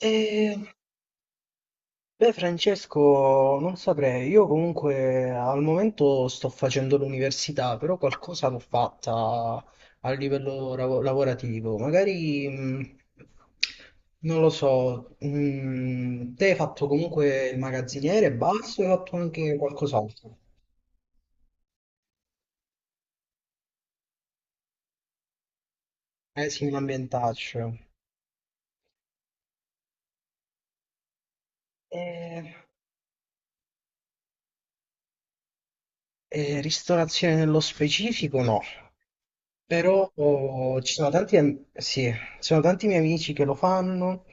Eh, beh, Francesco, non saprei. Io comunque al momento sto facendo l'università, però qualcosa l'ho fatta a livello lavorativo. Magari, non lo so, te hai fatto comunque il magazziniere e basta, o hai fatto anche qualcos'altro. Eh sì, un ambientaccio. Eh, ristorazione nello specifico, no. Però oh, ci sono tanti, sì, ci sono tanti miei amici che lo fanno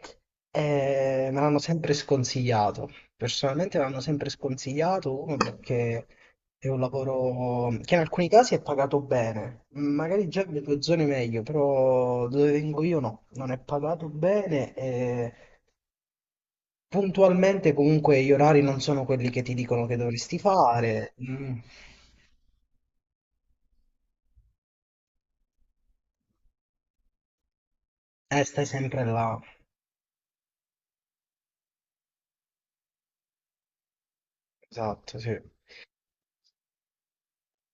e me l'hanno sempre sconsigliato. Personalmente me l'hanno sempre sconsigliato, uno perché è un lavoro che in alcuni casi è pagato bene, magari già nelle tue zone meglio, però dove vengo io no, non è pagato bene e puntualmente comunque gli orari non sono quelli che ti dicono che dovresti fare. Mm. Stai sempre là. Esatto, sì.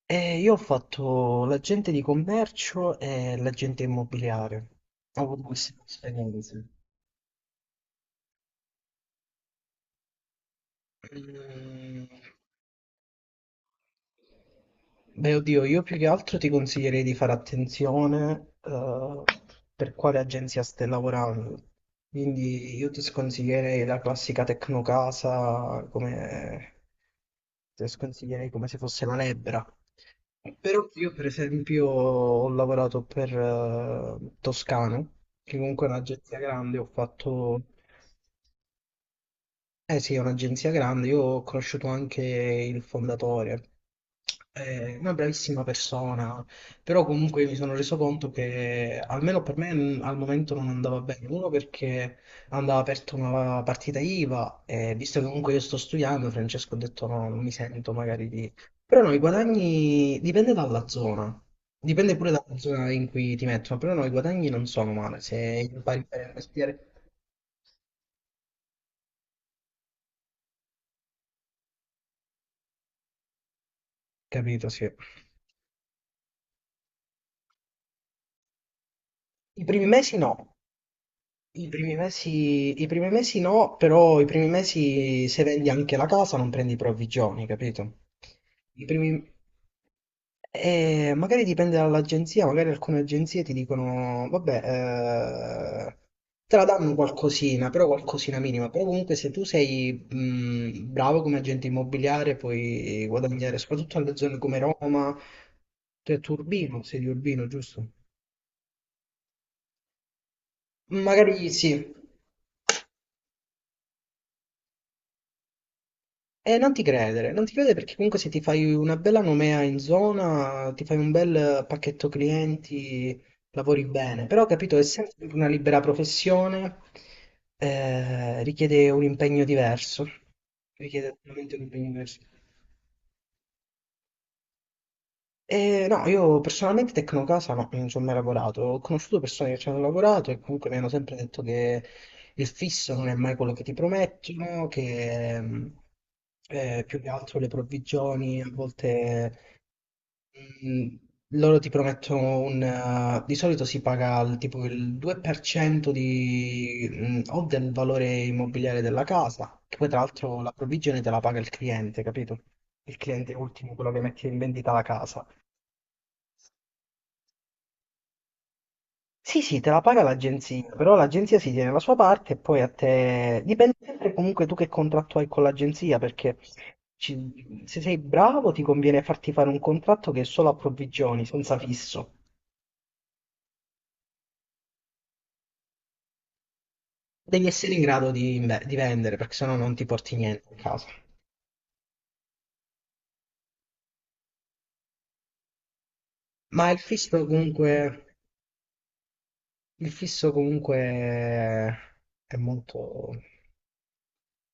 Io ho fatto l'agente di commercio e l'agente immobiliare. Ho avuto queste due esperienze. Mm. Beh, oddio, io più che altro ti consiglierei di fare attenzione per quale agenzia stai lavorando. Quindi io ti sconsiglierei la classica Tecnocasa come... Te sconsiglierei come se fosse la lebbra. Però io, per esempio, ho lavorato per Toscano, che comunque è un'agenzia grande, ho fatto. Eh sì, è un'agenzia grande, io ho conosciuto anche il fondatore, è una bravissima persona, però comunque mi sono reso conto che almeno per me al momento non andava bene, uno perché andava aperta una partita IVA e visto che comunque io sto studiando, Francesco ha detto no, non mi sento magari di... Però no, i guadagni dipende dalla zona, dipende pure dalla zona in cui ti mettono, però no, i guadagni non sono male, se impari bene il mestiere, capito, sì. I primi mesi no. I primi mesi no, però i primi mesi se vendi anche la casa non prendi provvigioni, capito? I primi... magari dipende dall'agenzia, magari alcune agenzie ti dicono, vabbè, eh, te la danno qualcosina, però qualcosina minima, però comunque se tu sei bravo come agente immobiliare puoi guadagnare, soprattutto nelle zone come Roma, tu Urbino, sei di Urbino, giusto? Magari sì. E non ti credere, non ti credere perché comunque se ti fai una bella nomea in zona, ti fai un bel pacchetto clienti, lavori bene. Però, capito, essendo sempre una libera professione, richiede un impegno diverso. Richiede veramente un impegno diverso. E no, io personalmente Tecnocasa no, non ci ho mai lavorato. Ho conosciuto persone che ci hanno lavorato e comunque mi hanno sempre detto che il fisso non è mai quello che ti promettono, che... più che altro le provvigioni a volte. Mm, Loro ti promettono un... di solito si paga il, tipo il 2% di, o del valore immobiliare della casa, che poi tra l'altro la provvigione te la paga il cliente, capito? Il cliente ultimo, quello che mette in vendita la casa. Sì, sì, te la paga l'agenzia, però l'agenzia si tiene la sua parte e poi a te... Dipende sempre comunque tu che contratto hai con l'agenzia, perché se sei bravo ti conviene farti fare un contratto che è solo a provvigioni, senza fisso. Devi essere in grado di vendere, perché sennò non ti porti niente a casa. Ma il fisso comunque, il fisso comunque è molto...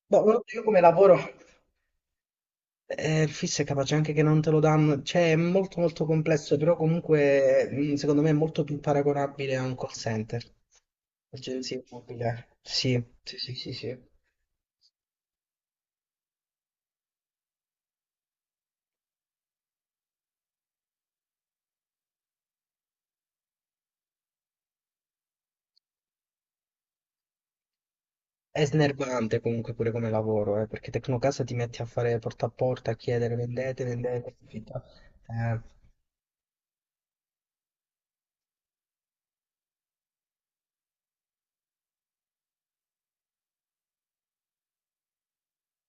Boh, io come lavoro, il fisso è capace anche che non te lo danno, cioè è molto molto complesso, però comunque secondo me è molto più paragonabile a un call center, agenzia immobiliare. Sì, sì, sì, sì, sì. È snervante comunque pure come lavoro, perché Tecnocasa ti metti a fare porta a porta, a chiedere vendete, vendete, affitta- eh,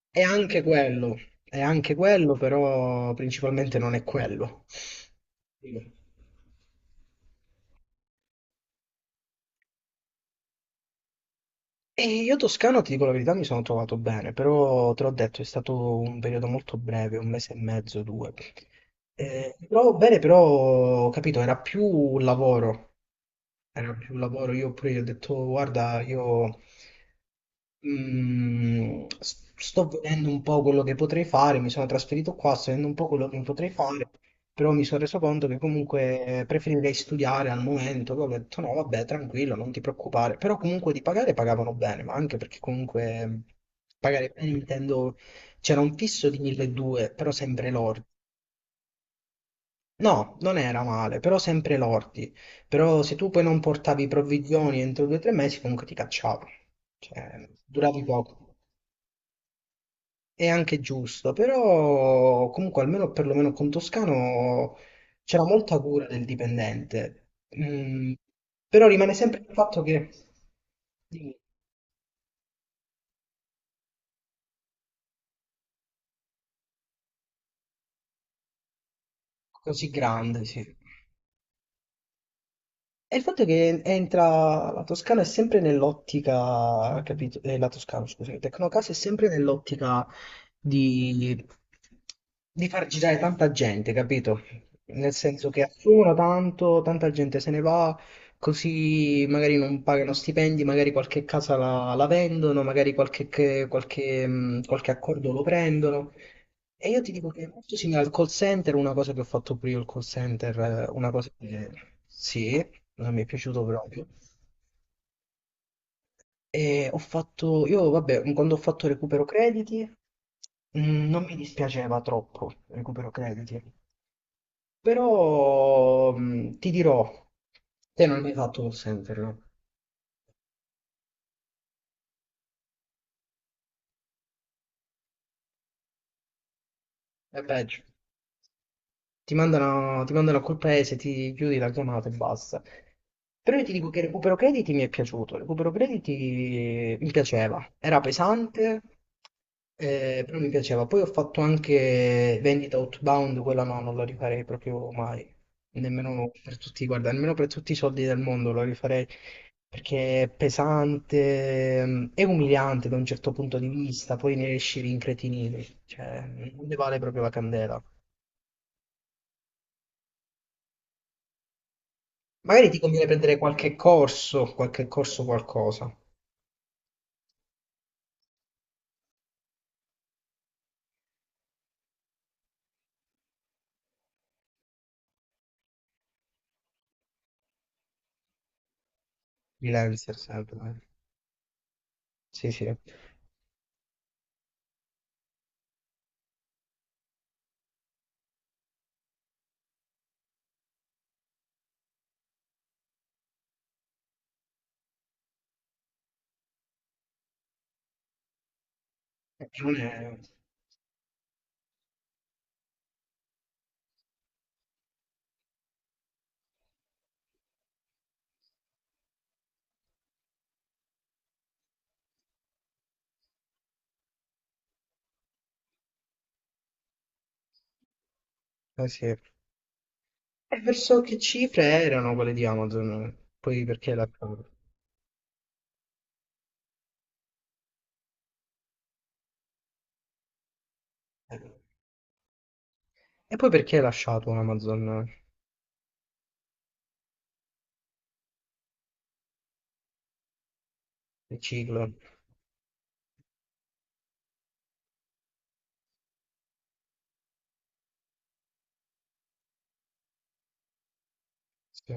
è anche quello, è anche quello, però principalmente non è quello. Sì. E io Toscano, ti dico la verità, mi sono trovato bene, però te l'ho detto, è stato un periodo molto breve, un mese e mezzo, due. Mi trovavo bene, però, ho capito, era più un lavoro. Era più lavoro. Io pure gli ho detto, "Oh, guarda, io sto vedendo un po' quello che potrei fare, mi sono trasferito qua, sto vedendo un po' quello che potrei fare, però mi sono reso conto che comunque preferirei studiare al momento." Poi ho detto, no, vabbè, tranquillo, non ti preoccupare. Però comunque di pagare pagavano bene, ma anche perché comunque pagare bene intendo, c'era un fisso di 1200, però sempre lordo. No, non era male, però sempre lordi. Però se tu poi non portavi provvigioni entro due o tre mesi, comunque ti cacciavano. Cioè, duravi poco. È anche giusto, però comunque almeno perlomeno con Toscano c'era molta cura del dipendente. Mm, però rimane sempre il fatto che... Dimmi. Così grande, sì. E il fatto è che entra la Toscana è sempre nell'ottica, capito? La Toscana, scusa, Tecnocasa è sempre nell'ottica di, di far girare tanta gente, capito? Nel senso che assumono tanto, tanta gente se ne va, così magari non pagano stipendi, magari qualche casa la vendono, magari qualche accordo lo prendono. E io ti dico che è molto simile al call center, una cosa che ho fatto pure io il call center, una cosa che sì, non mi è piaciuto proprio. E ho fatto, io vabbè, quando ho fatto recupero crediti, non mi dispiaceva troppo recupero crediti, però ti dirò, te non hai mai fatto call center, no? È peggio. Ti mandano a quel paese, ti chiudi la chiamata e basta. Però io ti dico che Recupero Crediti mi è piaciuto, Recupero Crediti mi piaceva, era pesante, però mi piaceva. Poi ho fatto anche Vendita Outbound, quella no, non la rifarei proprio mai, nemmeno per tutti, guarda, nemmeno per tutti i soldi del mondo la rifarei, perché è pesante, è umiliante da un certo punto di vista, poi ne esci rincretinito, cioè non ne vale proprio la candela. Magari ti conviene prendere qualche corso qualcosa, freelancer sempre. Dai. Sì, sì. Non è... Eh sì. E verso che cifre erano quelle di Amazon? Poi perché l'ha eh. E poi perché hai lasciato Amazon il ciclo? Sì.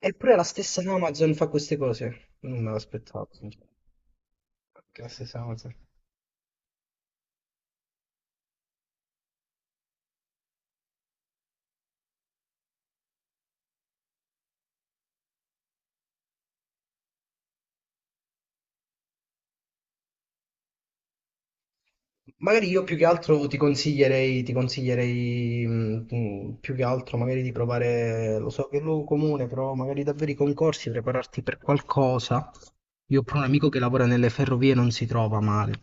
Eppure la stessa Amazon fa queste cose. Non me l'aspettavo, sinceramente. Anche la stessa Amazon. Magari io più che altro ti consiglierei, ti consiglierei, più che altro magari di provare, lo so che è un luogo comune, però magari davvero i concorsi, prepararti per qualcosa. Io ho proprio un amico che lavora nelle ferrovie, non si trova male.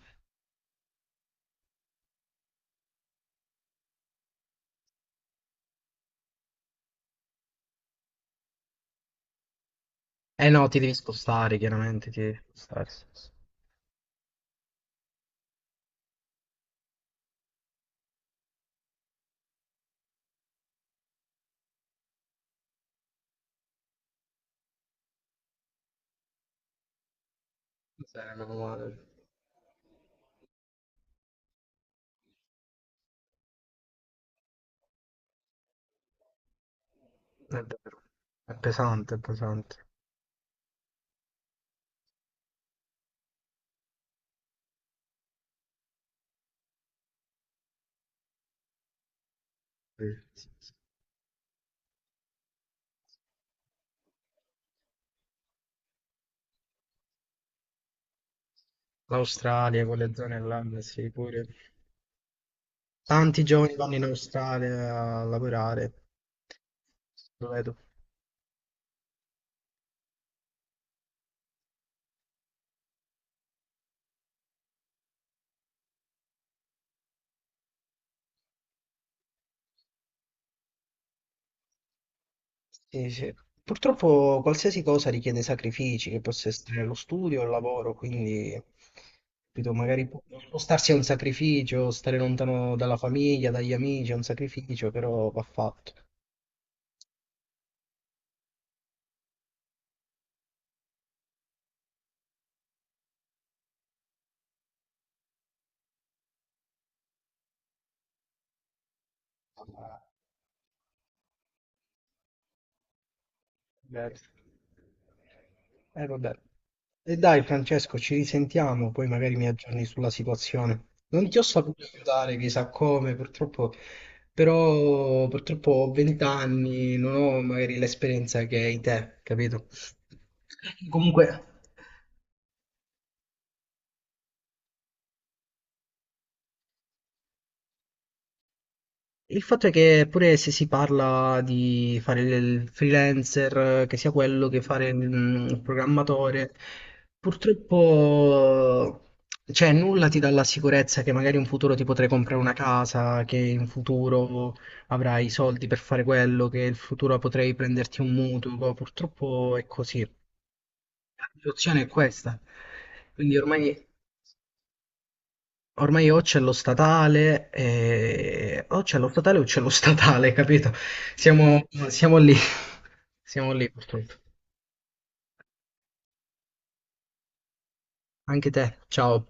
Eh no, ti devi spostare, chiaramente ti devi spostare. Sì, sì. Meno male. È vero. È pesante, è pesante. Sì. Sì. L'Australia, quelle zone là, sì, pure. Tanti giovani vanno in Australia a lavorare. Lo vedo. Sì, sì. Purtroppo qualsiasi cosa richiede sacrifici, che possa essere lo studio o il lavoro, quindi capito, magari spostarsi è un sacrificio, stare lontano dalla famiglia, dagli amici è un sacrificio, però va fatto. Vero. Vabbè. E dai, Francesco, ci risentiamo, poi magari mi aggiorni sulla situazione. Non ti ho saputo aiutare, chissà come, purtroppo, però purtroppo ho 20 anni, non ho magari l'esperienza che hai te, capito? Comunque. Il fatto è che pure se si parla di fare il freelancer, che sia quello che fare il programmatore, purtroppo cioè, nulla ti dà la sicurezza che magari in futuro ti potrai comprare una casa, che in futuro avrai i soldi per fare quello, che in futuro potrai prenderti un mutuo. Purtroppo è così. La situazione è questa. Quindi ormai. Ormai o c'è lo statale, o c'è lo statale o c'è lo statale, capito? Siamo lì, siamo lì purtroppo. Anche te, ciao.